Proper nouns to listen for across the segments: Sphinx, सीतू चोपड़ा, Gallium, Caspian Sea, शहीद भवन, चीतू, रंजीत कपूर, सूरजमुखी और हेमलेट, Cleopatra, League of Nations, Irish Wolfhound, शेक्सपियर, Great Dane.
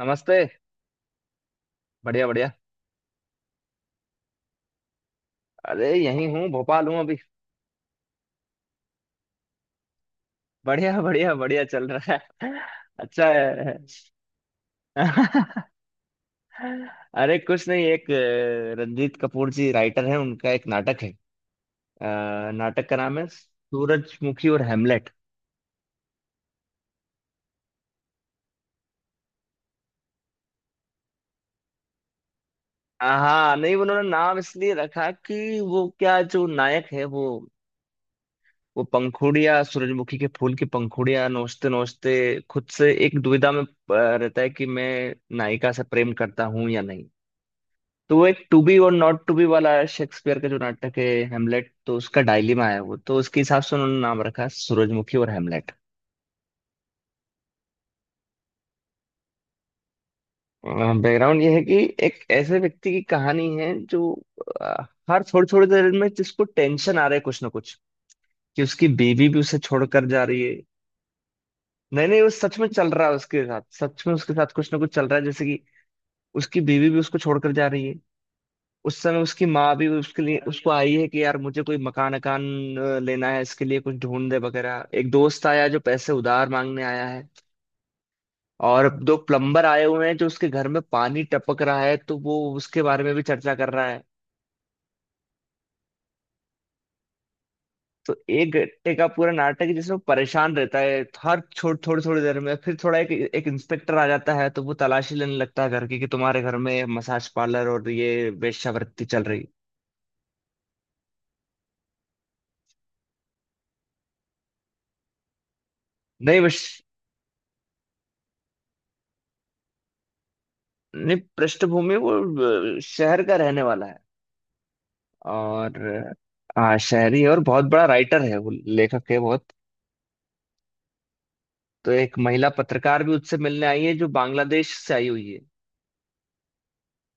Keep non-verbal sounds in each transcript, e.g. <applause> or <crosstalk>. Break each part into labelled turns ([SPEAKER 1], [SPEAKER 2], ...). [SPEAKER 1] नमस्ते। बढ़िया बढ़िया। अरे, यहीं हूँ, भोपाल हूँ अभी। बढ़िया बढ़िया बढ़िया चल रहा है। अच्छा है। <laughs> अरे कुछ नहीं, एक रंजीत कपूर जी राइटर हैं, उनका एक नाटक है। नाटक का नाम है सूरजमुखी और हेमलेट। हाँ, नहीं उन्होंने नाम इसलिए रखा कि वो क्या, जो नायक है वो पंखुड़ियाँ, सूरजमुखी के फूल की पंखुड़ियाँ नोचते नोचते खुद से एक दुविधा में रहता है कि मैं नायिका से प्रेम करता हूँ या नहीं। तो वो एक टू बी और नॉट टू बी वाला शेक्सपियर का जो नाटक है हेमलेट, तो उसका डायलेमा है वो, तो उसके हिसाब से उन्होंने नाम रखा सूरजमुखी और हेमलेट। बैकग्राउंड ये है कि एक ऐसे व्यक्ति की कहानी है जो अ, हर थोड़ी थोड़ी देर में, जिसको टेंशन आ रहा है कुछ ना कुछ, कि उसकी बीवी भी उसे छोड़कर जा रही है। नहीं नहीं, वो सच में चल रहा है उसके साथ, सच में उसके साथ कुछ ना कुछ चल रहा है, जैसे कि उसकी बीवी भी उसको छोड़कर जा रही है। उस समय उसकी माँ भी उसके लिए उसको आई है कि यार, मुझे कोई मकान अकान लेना है, इसके लिए कुछ ढूंढ दे वगैरह। एक दोस्त आया जो पैसे उधार मांगने आया है, और दो प्लम्बर आए हुए हैं, जो उसके घर में पानी टपक रहा है तो वो उसके बारे में भी चर्चा कर रहा है। तो एक घंटे का पूरा नाटक है जिसमें वो परेशान रहता है हर छोड़ थोड़ी थोड़ी देर में, फिर थोड़ा एक एक इंस्पेक्टर आ जाता है तो वो तलाशी लेने लगता है घर की कि तुम्हारे घर में मसाज पार्लर और ये वेश्यावृत्ति चल रही। नहीं, बस। नहीं, पृष्ठभूमि वो शहर का रहने वाला है, और हाँ, शहरी है और बहुत बड़ा राइटर है वो, लेखक है बहुत। तो एक महिला पत्रकार भी उससे मिलने आई है जो बांग्लादेश से आई हुई है।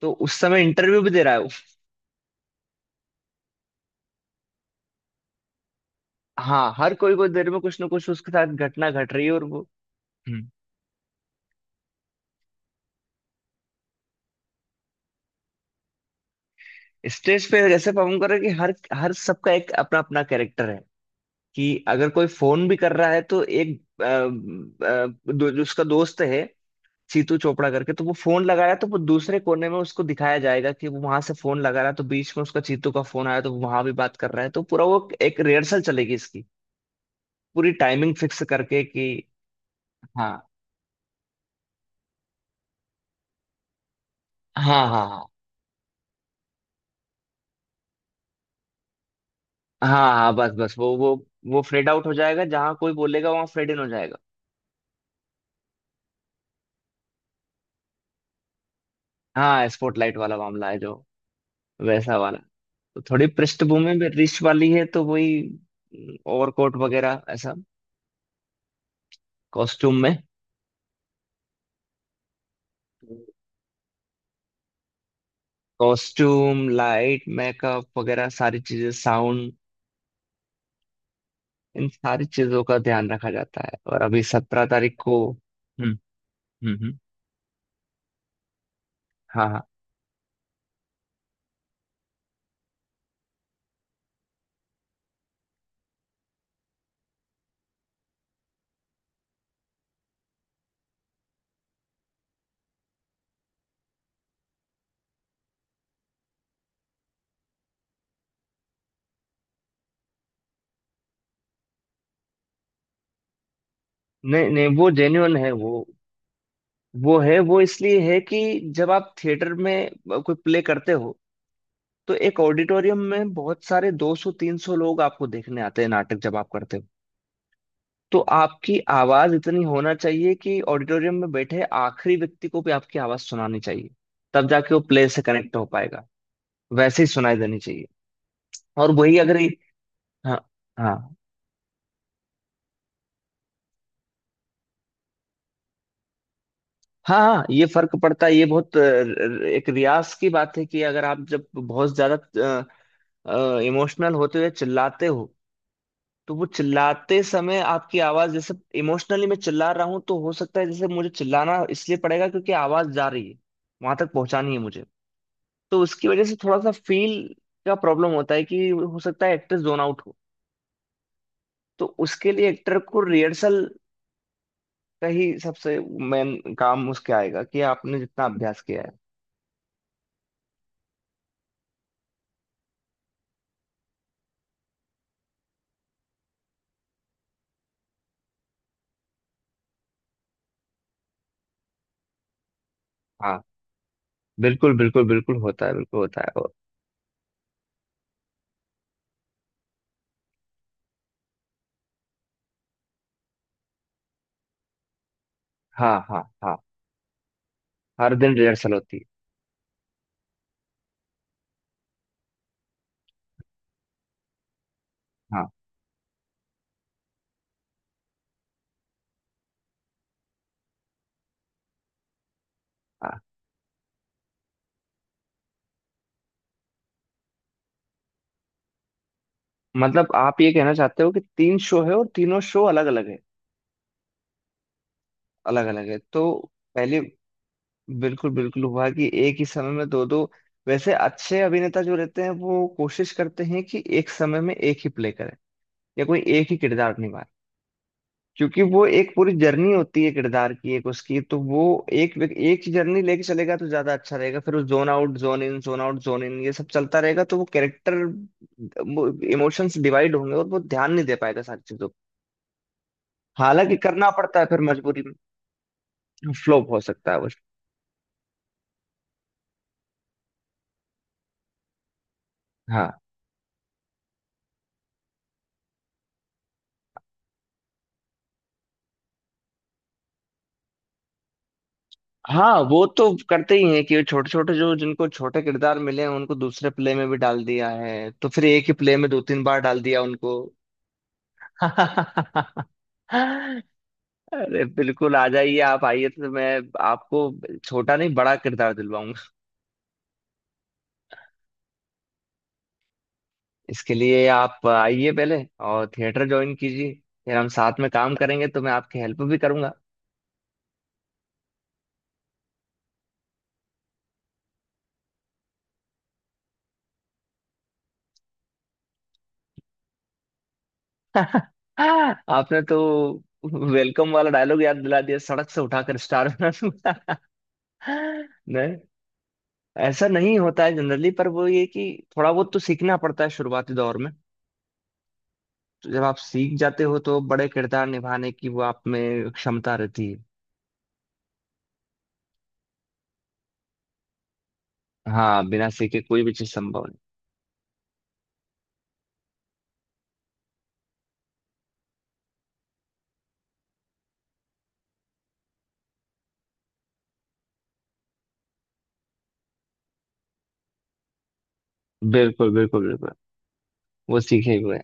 [SPEAKER 1] तो उस समय इंटरव्यू भी दे रहा है वो। हाँ, हर कोई को देर में कुछ ना कुछ उसके साथ घटना घट रही है और वो हम्म स्टेज पे ऐसे परफॉर्म कर रहा है कि हर हर सबका एक अपना अपना कैरेक्टर है। कि अगर कोई फोन भी कर रहा है तो एक दो, जो उसका दोस्त है सीतू चोपड़ा करके, तो वो फोन लगाया तो वो दूसरे कोने में उसको दिखाया जाएगा कि वो वहां से फोन लगा रहा है। तो बीच में उसका चीतू का फोन आया तो वो वहां भी बात कर रहा है। तो पूरा वो एक रिहर्सल चलेगी इसकी, पूरी टाइमिंग फिक्स करके कि हाँ हाँ हाँ, हाँ हाँ हाँ, बस बस वो फेड आउट हो जाएगा, जहां कोई बोलेगा वहां फेड इन हो जाएगा। हाँ, स्पॉटलाइट वाला मामला है जो, वैसा वाला। तो थोड़ी पृष्ठभूमि में रिच वाली है, तो वही ओवरकोट वगैरह ऐसा, कॉस्ट्यूम में। कॉस्ट्यूम, लाइट, मेकअप वगैरह सारी चीजें, साउंड, इन सारी चीजों का ध्यान रखा जाता है। और अभी 17 तारीख को। हम्म हम्म। हाँ हाँ। नहीं नहीं, वो जेन्युइन है वो। वो है, वो इसलिए है कि जब आप थिएटर में कोई प्ले करते हो तो एक ऑडिटोरियम में बहुत सारे 200 300 लोग आपको देखने आते हैं नाटक जब आप करते हो, तो आपकी आवाज इतनी होना चाहिए कि ऑडिटोरियम में बैठे आखिरी व्यक्ति को भी आपकी आवाज सुनानी चाहिए, तब जाके वो प्ले से कनेक्ट हो पाएगा। वैसे ही सुनाई देनी चाहिए। और वही अगर ये, हाँ हाँ हाँ हाँ, ये फर्क पड़ता है, ये बहुत एक रियाज की बात है, कि अगर आप जब बहुत ज्यादा इमोशनल होते हुए चिल्लाते हो तो वो चिल्लाते समय आपकी आवाज, जैसे इमोशनली मैं चिल्ला रहा हूँ, तो हो सकता है, जैसे मुझे चिल्लाना इसलिए पड़ेगा क्योंकि आवाज जा रही है, वहां तक पहुंचानी है मुझे, तो उसकी वजह से थोड़ा सा फील का प्रॉब्लम होता है कि हो सकता है एक्टर जोन आउट हो। तो उसके लिए एक्टर को रिहर्सल का ही सबसे मेन काम उसके आएगा, कि आपने जितना अभ्यास किया है। हाँ, बिल्कुल बिल्कुल बिल्कुल होता है, बिल्कुल होता है, और हाँ हाँ हाँ, हर दिन रिहर्सल होती है। हाँ हाँ, मतलब आप ये कहना चाहते हो कि तीन शो है और तीनों शो अलग अलग है, अलग अलग है तो। पहले बिल्कुल बिल्कुल हुआ कि एक ही समय में दो दो, वैसे अच्छे अभिनेता जो रहते हैं वो कोशिश करते हैं कि एक समय में एक ही प्ले करें, या कोई एक ही किरदार निभाए, क्योंकि वो एक पूरी जर्नी होती है किरदार की, एक उसकी, तो वो एक एक जर्नी लेके चलेगा तो ज्यादा अच्छा रहेगा। फिर वो zone out zone in zone out zone in ये सब चलता रहेगा, तो वो कैरेक्टर, इमोशंस डिवाइड होंगे और वो ध्यान नहीं दे पाएगा सारी चीजों को। हालांकि करना पड़ता है फिर मजबूरी में। फ्लॉप हो सकता है वो। हाँ हाँ, वो तो करते ही हैं कि छोटे छोटे जो, जिनको छोटे किरदार मिले हैं उनको दूसरे प्ले में भी डाल दिया है, तो फिर एक ही प्ले में दो तीन बार डाल दिया उनको। <laughs> अरे, बिल्कुल आ जाइए, आप आइए तो मैं आपको छोटा नहीं, बड़ा किरदार दिलवाऊंगा। इसके लिए आप आइए पहले, और थिएटर ज्वाइन कीजिए, फिर हम साथ में काम करेंगे तो मैं आपकी हेल्प भी करूंगा। <laughs> आपने तो वेलकम वाला डायलॉग याद दिला दिया, सड़क से उठाकर स्टार बना दूंगा। <laughs> नहीं, ऐसा नहीं होता है जनरली, पर वो ये कि थोड़ा बहुत तो सीखना पड़ता है शुरुआती दौर में, तो जब आप सीख जाते हो तो बड़े किरदार निभाने की वो आप में क्षमता रहती है। हाँ, बिना सीखे कोई भी चीज संभव। बिल्कुल बिल्कुल बिल्कुल, वो सीखे हुए हैं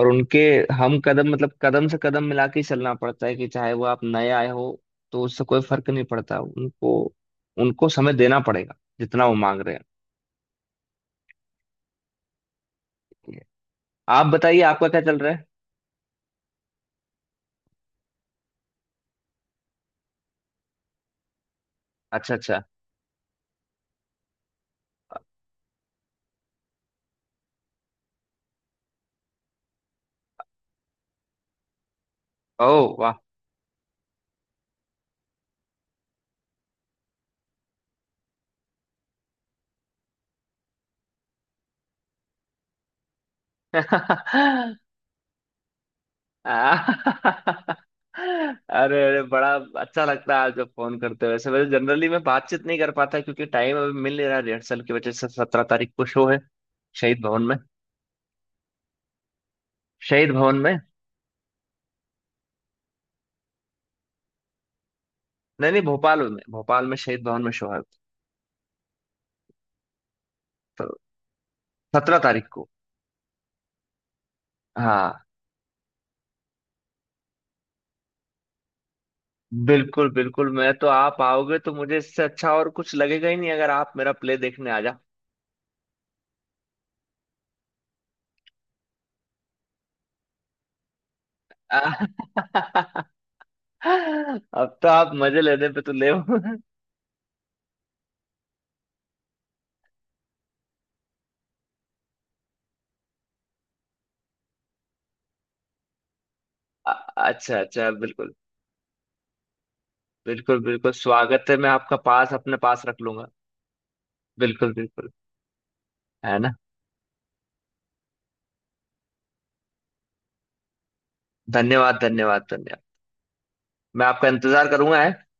[SPEAKER 1] और उनके, हम कदम, मतलब कदम से कदम मिला के ही चलना पड़ता है, कि चाहे वो आप नए आए हो, तो उससे कोई फर्क नहीं पड़ता उनको, उनको समय देना पड़ेगा जितना वो मांग रहे हैं। आप बताइए, आपका क्या चल रहा है। अच्छा अच्छा। ओ, वाह। <laughs> अरे अरे, बड़ा अच्छा लगता है आप जब फोन करते हो, वैसे वैसे जनरली मैं बातचीत नहीं कर पाता क्योंकि टाइम अभी मिल नहीं रहा रिहर्सल की वजह से। 17 तारीख को शो है। शहीद भवन में। शहीद भवन में। नहीं नहीं, भोपाल में, भोपाल में शहीद भवन में शो है। तो 17 तारीख को। हाँ। बिल्कुल बिल्कुल, मैं तो, आप आओगे तो मुझे इससे अच्छा और कुछ लगेगा ही नहीं, अगर आप मेरा प्ले देखने आ जा। <laughs> अब तो आप मजे लेने पे तो ले हो। अ- अच्छा अच्छा, बिल्कुल। बिल्कुल बिल्कुल स्वागत है, मैं आपका पास अपने पास रख लूंगा। बिल्कुल बिल्कुल, है ना। धन्यवाद धन्यवाद धन्यवाद। मैं आपका इंतजार करूंगा है।